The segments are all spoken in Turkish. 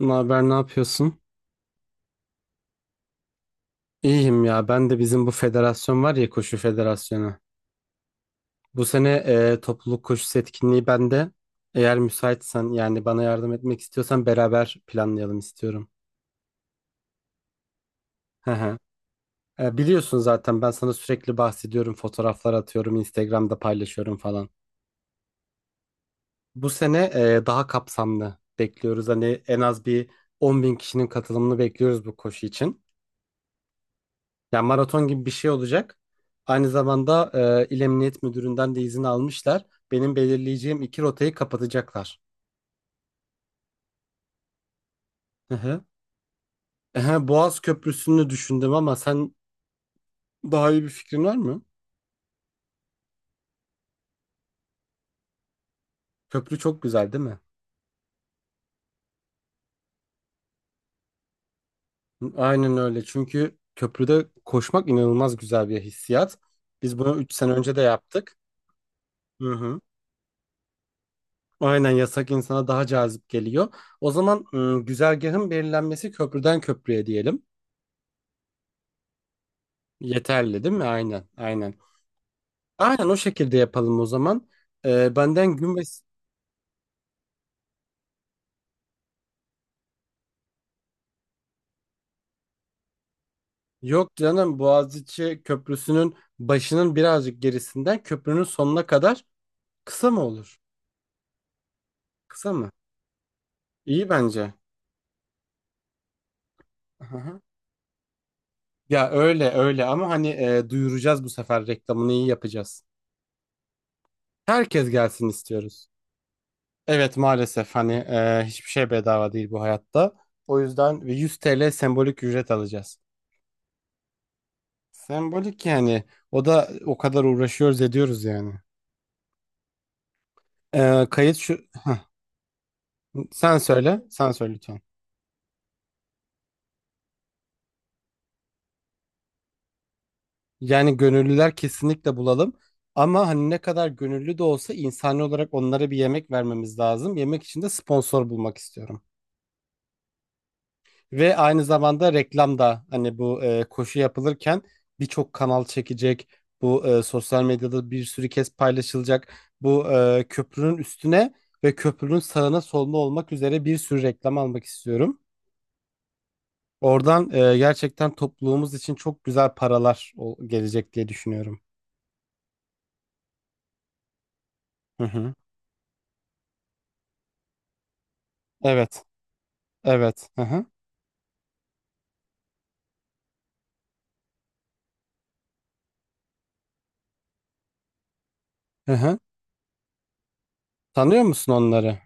Ne haber, ne yapıyorsun? İyiyim ya. Ben de bizim bu federasyon var ya, koşu federasyonu. Bu sene topluluk koşusu etkinliği bende. Eğer müsaitsen, yani bana yardım etmek istiyorsan, beraber planlayalım istiyorum. Hı hı. Biliyorsun zaten, ben sana sürekli bahsediyorum, fotoğraflar atıyorum, Instagram'da paylaşıyorum falan. Bu sene daha kapsamlı bekliyoruz. Hani en az bir 10 bin kişinin katılımını bekliyoruz bu koşu için. Yani maraton gibi bir şey olacak. Aynı zamanda İl Emniyet Müdürü'nden de izin almışlar. Benim belirleyeceğim iki rotayı kapatacaklar. Hı hı. Boğaz Köprüsü'nü düşündüm, ama sen daha iyi bir fikrin var mı? Köprü çok güzel, değil mi? Aynen öyle. Çünkü köprüde koşmak inanılmaz güzel bir hissiyat. Biz bunu 3 sene önce de yaptık. Hı hı. Aynen, yasak insana daha cazip geliyor. O zaman güzergahın belirlenmesi köprüden köprüye diyelim. Yeterli değil mi? Aynen, aynen. Aynen o şekilde yapalım o zaman. Benden Gümbes yok canım, Boğaziçi Köprüsü'nün başının birazcık gerisinden köprünün sonuna kadar, kısa mı olur? Kısa mı? İyi bence. Aha. Ya öyle öyle, ama hani duyuracağız, bu sefer reklamını iyi yapacağız. Herkes gelsin istiyoruz. Evet, maalesef, hani hiçbir şey bedava değil bu hayatta. O yüzden 100 TL sembolik ücret alacağız. Sembolik yani, o da o kadar uğraşıyoruz ediyoruz yani. Ee, kayıt şu, Sen söyle, sen söyle lütfen. Yani gönüllüler kesinlikle bulalım. Ama hani ne kadar gönüllü de olsa, insani olarak onlara bir yemek vermemiz lazım. Yemek için de sponsor bulmak istiyorum. Ve aynı zamanda reklam da, hani bu koşu yapılırken birçok kanal çekecek. Bu sosyal medyada bir sürü kez paylaşılacak. Bu köprünün üstüne ve köprünün sağına soluna olmak üzere bir sürü reklam almak istiyorum. Oradan gerçekten topluluğumuz için çok güzel paralar gelecek diye düşünüyorum. Hı hı. Evet. Evet. Hı hı. Hı hı. Tanıyor musun onları?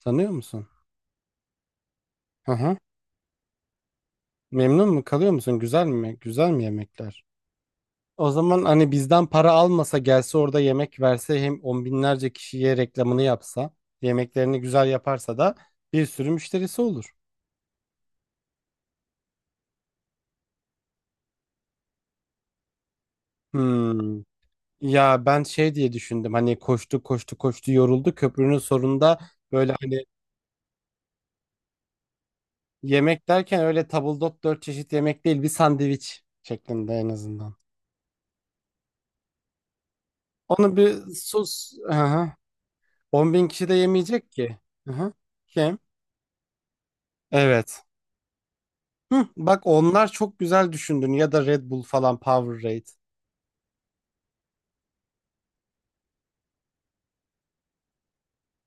Tanıyor musun? Hı hı. Memnun mu, kalıyor musun? Güzel mi? Güzel mi yemekler? O zaman hani bizden para almasa, gelse, orada yemek verse, hem on binlerce kişiye reklamını yapsa, yemeklerini güzel yaparsa da bir sürü müşterisi olur. Hmm. Ya ben şey diye düşündüm, hani koştu koştu koştu, yoruldu, köprünün sonunda böyle hani, yemek derken öyle tabldot dört çeşit yemek değil, bir sandviç şeklinde en azından. Onu bir sus. Aha. 10 bin kişi de yemeyecek ki. Aha. Kim? Evet. Hı, bak, onlar çok güzel düşündün, ya da Red Bull falan, Powerade.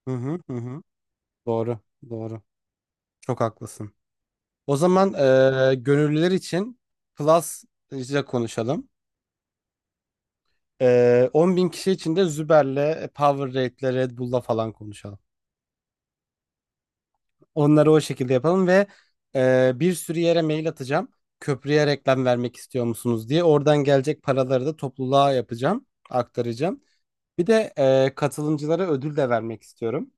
Hı hı, hı hı. Doğru, doğru. Çok haklısın. O zaman gönüllüler için Plus'la konuşalım. 10 bin kişi için de Züber'le, Powerade'le, Red Bull'la falan konuşalım. Onları o şekilde yapalım ve bir sürü yere mail atacağım. Köprüye reklam vermek istiyor musunuz diye. Oradan gelecek paraları da topluluğa yapacağım, aktaracağım. Bir de katılımcılara ödül de vermek istiyorum.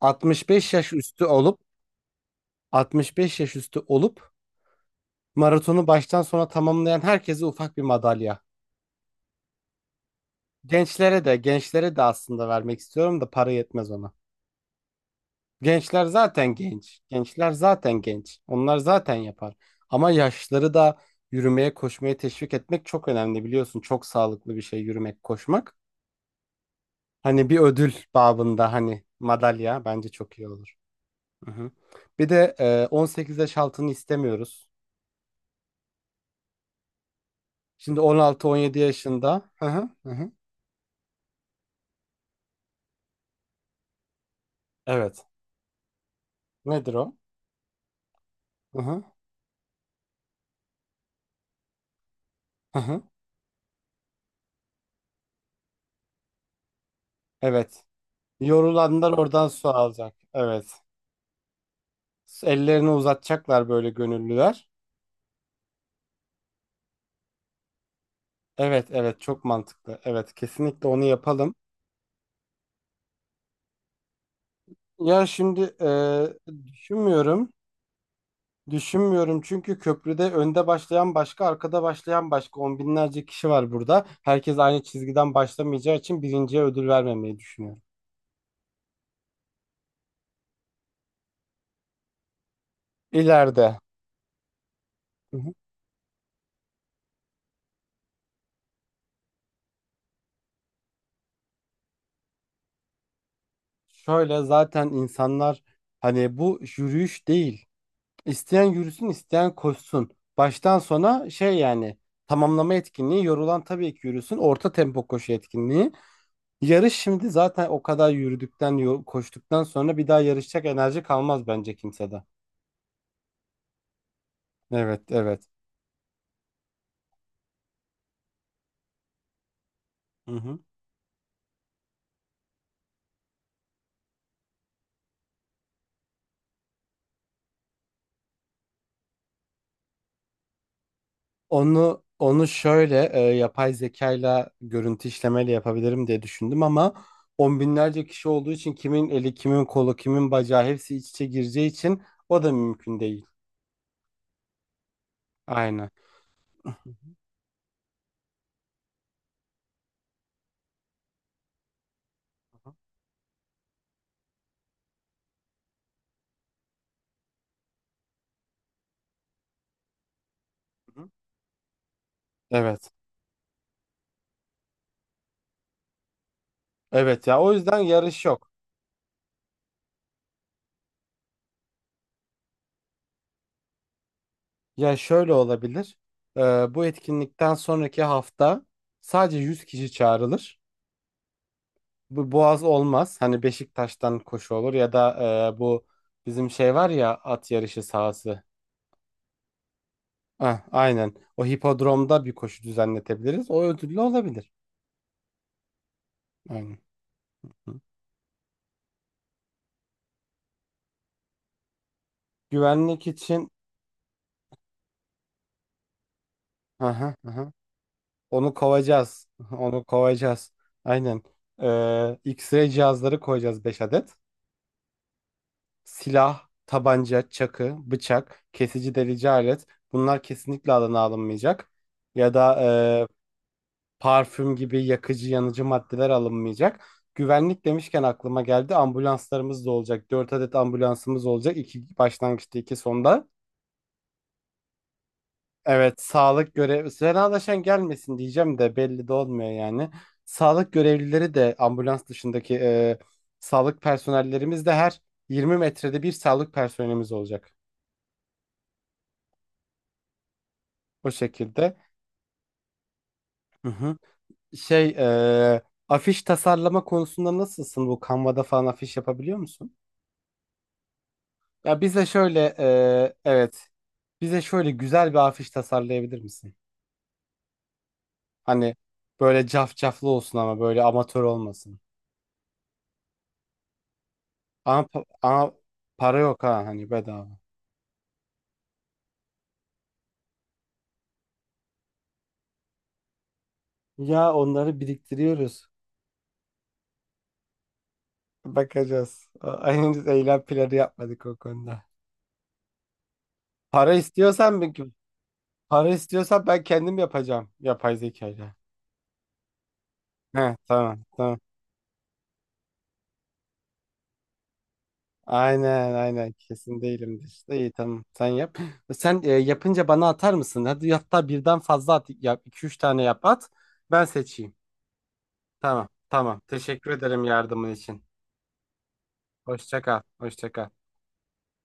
65 yaş üstü olup 65 yaş üstü olup maratonu baştan sona tamamlayan herkese ufak bir madalya. Gençlere de, gençlere de aslında vermek istiyorum da, para yetmez ona. Gençler zaten genç. Gençler zaten genç. Onlar zaten yapar. Ama yaşlıları da yürümeye, koşmaya teşvik etmek çok önemli, biliyorsun. Çok sağlıklı bir şey yürümek, koşmak. Hani bir ödül babında, hani madalya, bence çok iyi olur. Hı hı. Bir de 18 yaş altını istemiyoruz. Şimdi 16-17 yaşında. Hı hı, hı hı. Evet. Nedir o? Hı hı, hı hı. Evet. Yorulanlar oradan su alacak. Evet. Ellerini uzatacaklar böyle gönüllüler. Evet, evet, çok mantıklı. Evet, kesinlikle onu yapalım. Ya şimdi düşünmüyorum. Düşünmüyorum, çünkü köprüde önde başlayan başka, arkada başlayan başka, on binlerce kişi var burada. Herkes aynı çizgiden başlamayacağı için birinciye ödül vermemeyi düşünüyorum. İleride. Hı hı. Şöyle, zaten insanlar, hani bu yürüyüş değil. İsteyen yürüsün, isteyen koşsun. Baştan sona şey yani, tamamlama etkinliği, yorulan tabii ki yürüsün. Orta tempo koşu etkinliği. Yarış, şimdi zaten o kadar yürüdükten, koştuktan sonra, bir daha yarışacak enerji kalmaz bence kimsede. Evet, evet. Hı hı. Onu şöyle yapay zekayla, görüntü işlemeyle yapabilirim diye düşündüm, ama on binlerce kişi olduğu için kimin eli, kimin kolu, kimin bacağı hepsi iç içe gireceği için o da mümkün değil. Aynen. Hı hı. Evet. Evet ya, o yüzden yarış yok. Ya şöyle olabilir. E, bu etkinlikten sonraki hafta sadece 100 kişi çağrılır. Bu Boğaz olmaz. Hani Beşiktaş'tan koşu olur, ya da bu bizim şey var ya, at yarışı sahası. Ah, aynen. O hipodromda bir koşu düzenletebiliriz. O ödüllü olabilir. Aynen. Hı. Güvenlik için, aha, aha. Onu kovacağız. Onu kovacağız. Aynen. Ee, X-ray cihazları koyacağız, 5 adet. Silah, tabanca, çakı, bıçak, kesici delici alet. Bunlar kesinlikle alana alınmayacak. Ya da parfüm gibi yakıcı yanıcı maddeler alınmayacak. Güvenlik demişken aklıma geldi. Ambulanslarımız da olacak. 4 adet ambulansımız olacak. İki başlangıçta, iki sonda. Evet, sağlık görev Senalaşan gelmesin diyeceğim de belli de olmuyor yani. Sağlık görevlileri de, ambulans dışındaki sağlık personellerimiz de, her 20 metrede bir sağlık personelimiz olacak. O şekilde. Hı hı. Şey, afiş tasarlama konusunda nasılsın? Bu Canva'da falan afiş yapabiliyor musun? Evet, bize şöyle güzel bir afiş tasarlayabilir misin? Hani böyle cafcaflı olsun, ama böyle amatör olmasın. Ama para yok ha, hani bedava. Ya onları biriktiriyoruz. Bakacağız. Henüz eylem planı yapmadık o konuda. Para istiyorsan bir- Para istiyorsan, ben kendim yapacağım yapay zekayla. He, tamam tamam. Aynen aynen, kesin değilimdir. İyi, tamam, sen yap. Sen yapınca bana atar mısın? Hadi, hatta birden fazla at yap. 2 3 tane yap, at. Ben seçeyim. Tamam tamam. Teşekkür ederim yardımın için. Hoşça kal. Hoşça kal.